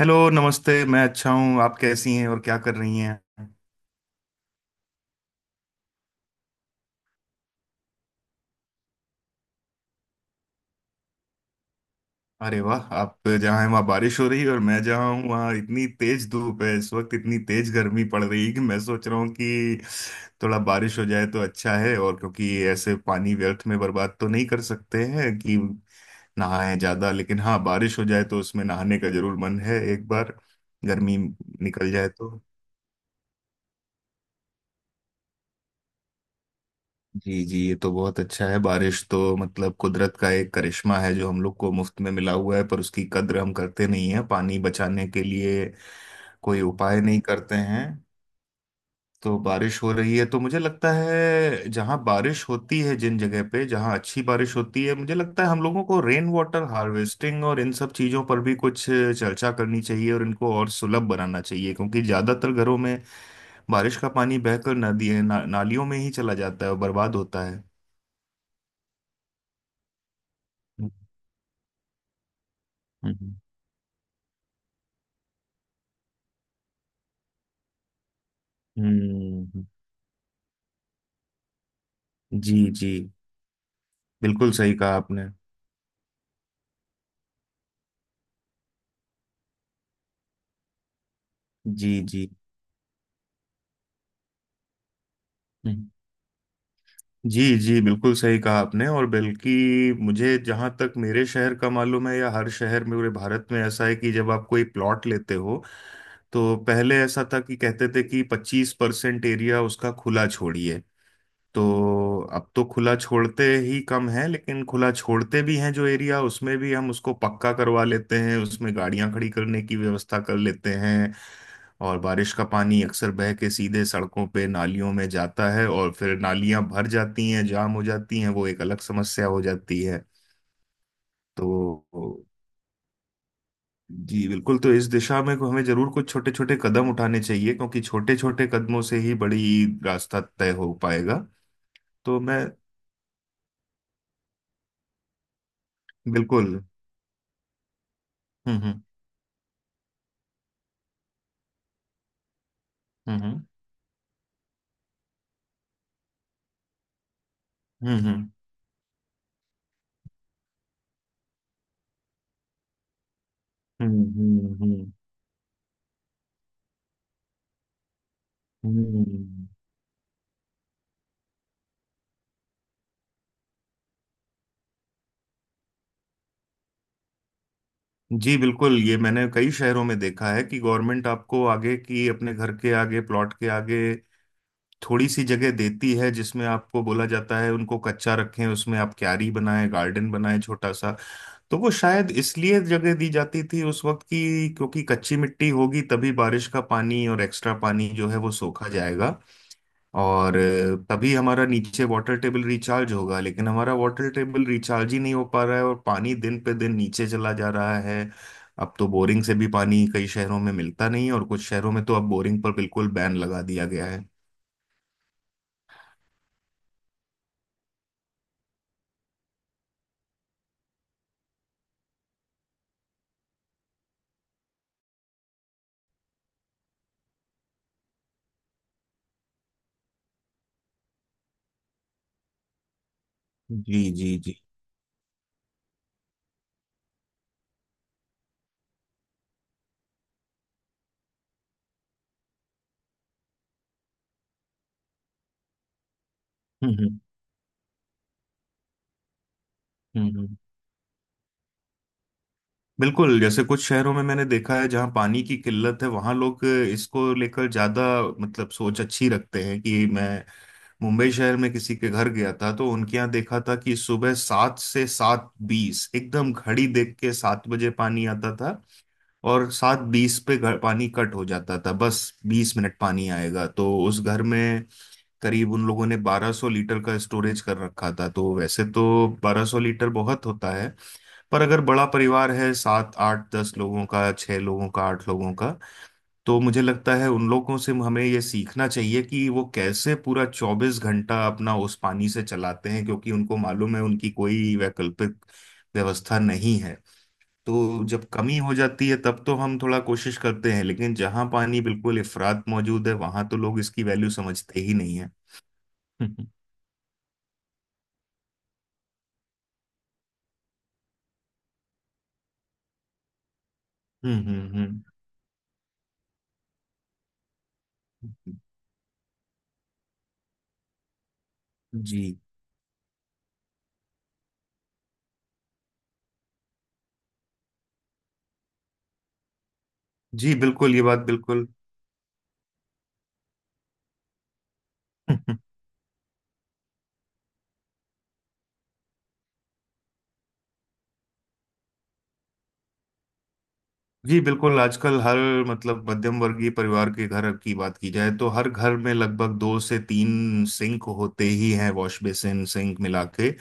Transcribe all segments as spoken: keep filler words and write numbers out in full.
Hello नमस्ते। मैं अच्छा हूँ, आप कैसी हैं और क्या कर रही हैं? अरे वाह, आप जहाँ हैं वहाँ बारिश हो रही है और मैं जहाँ हूँ वहाँ इतनी तेज धूप है, इस वक्त इतनी तेज गर्मी पड़ रही है कि मैं सोच रहा हूँ कि थोड़ा बारिश हो जाए तो अच्छा है। और क्योंकि ऐसे पानी व्यर्थ में बर्बाद तो नहीं कर सकते हैं कि नहाएं ज्यादा, लेकिन हाँ बारिश हो जाए तो उसमें नहाने का जरूर मन है एक बार गर्मी निकल जाए तो। जी जी, ये तो बहुत अच्छा है। बारिश तो मतलब कुदरत का एक करिश्मा है जो हम लोग को मुफ्त में मिला हुआ है, पर उसकी कद्र हम करते नहीं है। पानी बचाने के लिए कोई उपाय नहीं करते हैं। तो बारिश हो रही है तो मुझे लगता है जहाँ बारिश होती है, जिन जगह पे जहाँ अच्छी बारिश होती है, मुझे लगता है हम लोगों को रेन वाटर हार्वेस्टिंग और इन सब चीज़ों पर भी कुछ चर्चा करनी चाहिए और इनको और सुलभ बनाना चाहिए, क्योंकि ज़्यादातर घरों में बारिश का पानी बहकर नदी ना, नालियों में ही चला जाता है और बर्बाद होता है। हम्म हम्म, जी जी बिल्कुल सही कहा आपने। जी जी। हम्म, जी जी बिल्कुल सही कहा आपने। और बल्कि मुझे जहाँ तक मेरे शहर का मालूम है, या हर शहर में पूरे भारत में ऐसा है कि जब आप कोई प्लॉट लेते हो तो पहले ऐसा था कि कहते थे कि पच्चीस परसेंट एरिया उसका खुला छोड़िए। तो अब तो खुला छोड़ते ही कम है, लेकिन खुला छोड़ते भी हैं जो एरिया, उसमें भी हम उसको पक्का करवा लेते हैं, उसमें गाड़ियां खड़ी करने की व्यवस्था कर लेते हैं। और बारिश का पानी अक्सर बह के सीधे सड़कों पे नालियों में जाता है और फिर नालियां भर जाती हैं, जाम हो जाती हैं, वो एक अलग समस्या हो जाती है। तो जी बिल्कुल, तो इस दिशा में को हमें जरूर कुछ छोटे छोटे कदम उठाने चाहिए क्योंकि छोटे छोटे कदमों से ही बड़ी रास्ता तय हो पाएगा। तो मैं बिल्कुल। हम्म हम्म हम्म हम्म हम्म हम्म हम्म हम्म हम्म, जी बिल्कुल, ये मैंने कई शहरों में देखा है कि गवर्नमेंट आपको आगे की, अपने घर के आगे प्लॉट के आगे थोड़ी सी जगह देती है जिसमें आपको बोला जाता है उनको कच्चा रखें, उसमें आप क्यारी बनाएं, गार्डन बनाएं छोटा सा। तो वो शायद इसलिए जगह दी जाती थी उस वक्त की, क्योंकि कच्ची मिट्टी होगी तभी बारिश का पानी और एक्स्ट्रा पानी जो है वो सोखा जाएगा। और अ, तभी हमारा नीचे वाटर टेबल रिचार्ज होगा, लेकिन हमारा वाटर टेबल रिचार्ज ही नहीं हो पा रहा है और पानी दिन पे दिन नीचे चला जा रहा है। अब तो बोरिंग से भी पानी कई शहरों में मिलता नहीं है और कुछ शहरों में तो अब बोरिंग पर बिल्कुल बैन लगा दिया गया है। जी जी जी। हम्म हम्म हम्म, हम्म। बिल्कुल, जैसे कुछ शहरों में मैंने देखा है जहाँ पानी की किल्लत है वहाँ लोग इसको लेकर ज्यादा, मतलब सोच अच्छी रखते हैं कि मैं मुंबई शहर में किसी के घर गया था तो उनके यहाँ देखा था कि सुबह सात से सात बीस, एकदम घड़ी देख के सात बजे पानी आता था और सात बीस पे घर पानी कट हो जाता था। बस बीस मिनट पानी आएगा तो उस घर में करीब उन लोगों ने बारह सौ लीटर का स्टोरेज कर रखा था। तो वैसे तो बारह सौ लीटर बहुत होता है, पर अगर बड़ा परिवार है, सात आठ दस लोगों का, छह लोगों का, आठ लोगों का, तो मुझे लगता है उन लोगों से हमें ये सीखना चाहिए कि वो कैसे पूरा चौबीस घंटा अपना उस पानी से चलाते हैं, क्योंकि उनको मालूम है उनकी कोई वैकल्पिक व्यवस्था नहीं है। तो जब कमी हो जाती है तब तो हम थोड़ा कोशिश करते हैं, लेकिन जहां पानी बिल्कुल इफरात मौजूद है वहां तो लोग इसकी वैल्यू समझते ही नहीं है। हम्म हम्म हम्म। जी जी बिल्कुल, ये बात बिल्कुल। जी बिल्कुल, आजकल हर, मतलब मध्यम वर्गीय परिवार के घर की बात की जाए तो हर घर में लगभग दो से तीन सिंक होते ही हैं, वॉश बेसिन सिंक मिला के।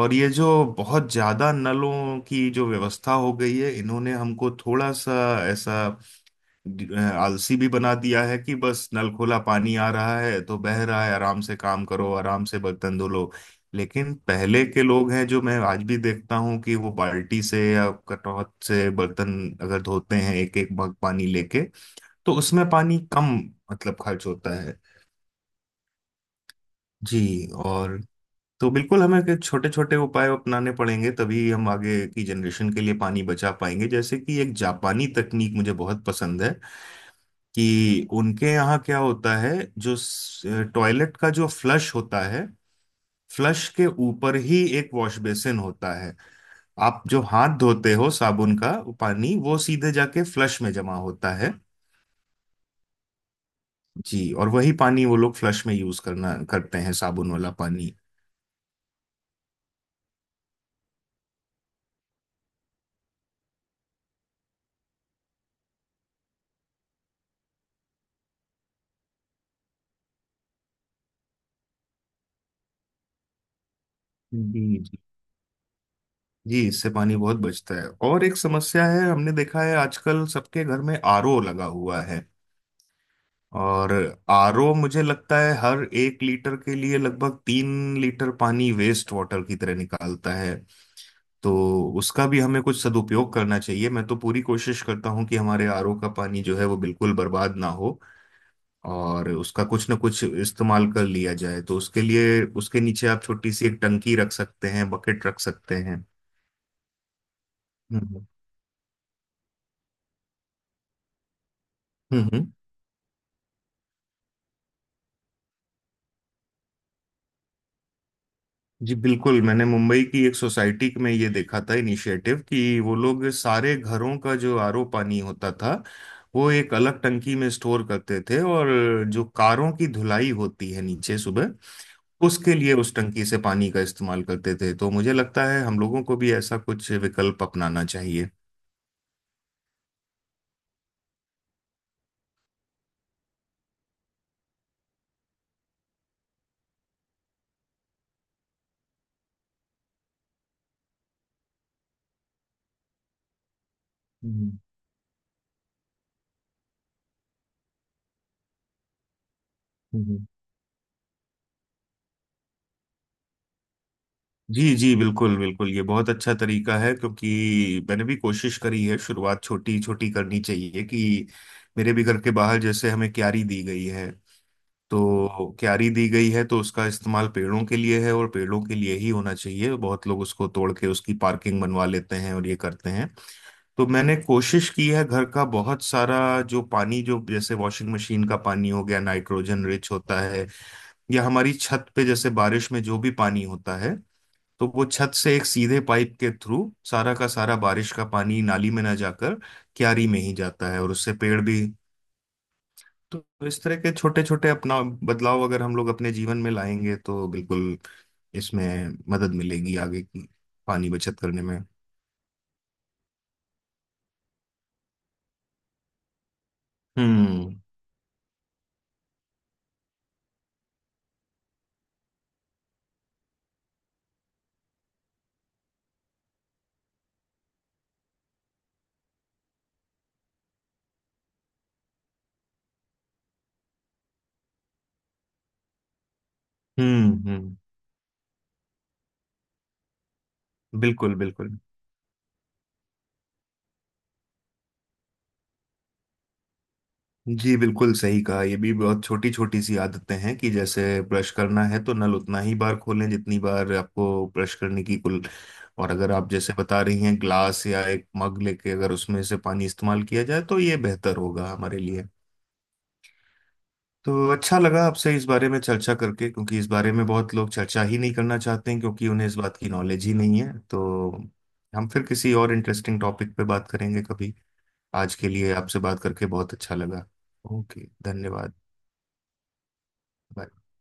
और ये जो बहुत ज्यादा नलों की जो व्यवस्था हो गई है, इन्होंने हमको थोड़ा सा ऐसा ड- आलसी भी बना दिया है कि बस नल खोला, पानी आ रहा है तो बह रहा है, आराम से काम करो, आराम से बर्तन धो लो। लेकिन पहले के लोग हैं जो मैं आज भी देखता हूँ कि वो बाल्टी से या कटौत से बर्तन अगर धोते हैं एक एक मग पानी लेके, तो उसमें पानी कम, मतलब खर्च होता है। जी। और तो बिल्कुल हमें के छोटे छोटे उपाय अपनाने पड़ेंगे तभी हम आगे की जनरेशन के लिए पानी बचा पाएंगे, जैसे कि एक जापानी तकनीक मुझे बहुत पसंद है कि उनके यहाँ क्या होता है जो टॉयलेट का जो फ्लश होता है, फ्लश के ऊपर ही एक वॉश बेसिन होता है। आप जो हाथ धोते हो, साबुन का वो पानी, वो सीधे जाके फ्लश में जमा होता है। जी, और वही पानी वो लोग फ्लश में यूज करना करते हैं, साबुन वाला पानी। जी जी। जी, इससे पानी बहुत बचता है। और एक समस्या है, हमने देखा है आजकल सबके घर में आरओ लगा हुआ है। और आरओ मुझे लगता है हर एक लीटर के लिए लगभग तीन लीटर पानी वेस्ट वाटर की तरह निकालता है। तो उसका भी हमें कुछ सदुपयोग करना चाहिए। मैं तो पूरी कोशिश करता हूँ कि हमारे आरओ का पानी जो है वो बिल्कुल बर्बाद ना हो और उसका कुछ ना कुछ इस्तेमाल कर लिया जाए। तो उसके लिए उसके नीचे आप छोटी सी एक टंकी रख सकते हैं, बकेट रख सकते हैं। हम्म हम्म हम्म। जी बिल्कुल, मैंने मुंबई की एक सोसाइटी में ये देखा था इनिशिएटिव कि वो लोग सारे घरों का जो आरओ पानी होता था, वो एक अलग टंकी में स्टोर करते थे, और जो कारों की धुलाई होती है नीचे सुबह, उसके लिए उस टंकी से पानी का इस्तेमाल करते थे। तो मुझे लगता है हम लोगों को भी ऐसा कुछ विकल्प अपनाना चाहिए। हम्म हम्म। जी जी बिल्कुल बिल्कुल, ये बहुत अच्छा तरीका है। क्योंकि मैंने भी कोशिश करी है, शुरुआत छोटी छोटी करनी चाहिए कि मेरे भी घर के बाहर जैसे हमें क्यारी दी गई है, तो क्यारी दी गई है तो उसका इस्तेमाल पेड़ों के लिए है और पेड़ों के लिए ही होना चाहिए। बहुत लोग उसको तोड़ के उसकी पार्किंग बनवा लेते हैं और ये करते हैं। तो मैंने कोशिश की है घर का बहुत सारा जो पानी जो, जैसे वॉशिंग मशीन का पानी हो गया, नाइट्रोजन रिच होता है, या हमारी छत पे जैसे बारिश में जो भी पानी होता है, तो वो छत से एक सीधे पाइप के थ्रू सारा का सारा बारिश का पानी नाली में ना जाकर क्यारी में ही जाता है और उससे पेड़ भी। तो इस तरह के छोटे छोटे अपना बदलाव अगर हम लोग अपने जीवन में लाएंगे तो बिल्कुल इसमें मदद मिलेगी आगे की पानी बचत करने में। हम्म हम्म हम्म। बिल्कुल बिल्कुल। जी बिल्कुल सही कहा, ये भी बहुत छोटी छोटी सी आदतें हैं कि जैसे ब्रश करना है तो नल उतना ही बार खोलें जितनी बार आपको ब्रश करने की कुल, और अगर आप जैसे बता रही हैं ग्लास या एक मग लेके अगर उसमें से पानी इस्तेमाल किया जाए तो ये बेहतर होगा हमारे लिए। तो अच्छा लगा आपसे इस बारे में चर्चा करके, क्योंकि इस बारे में बहुत लोग चर्चा ही नहीं करना चाहते हैं क्योंकि उन्हें इस बात की नॉलेज ही नहीं है। तो हम फिर किसी और इंटरेस्टिंग टॉपिक पे बात करेंगे कभी। आज के लिए आपसे बात करके बहुत अच्छा लगा। ओके धन्यवाद। Bye.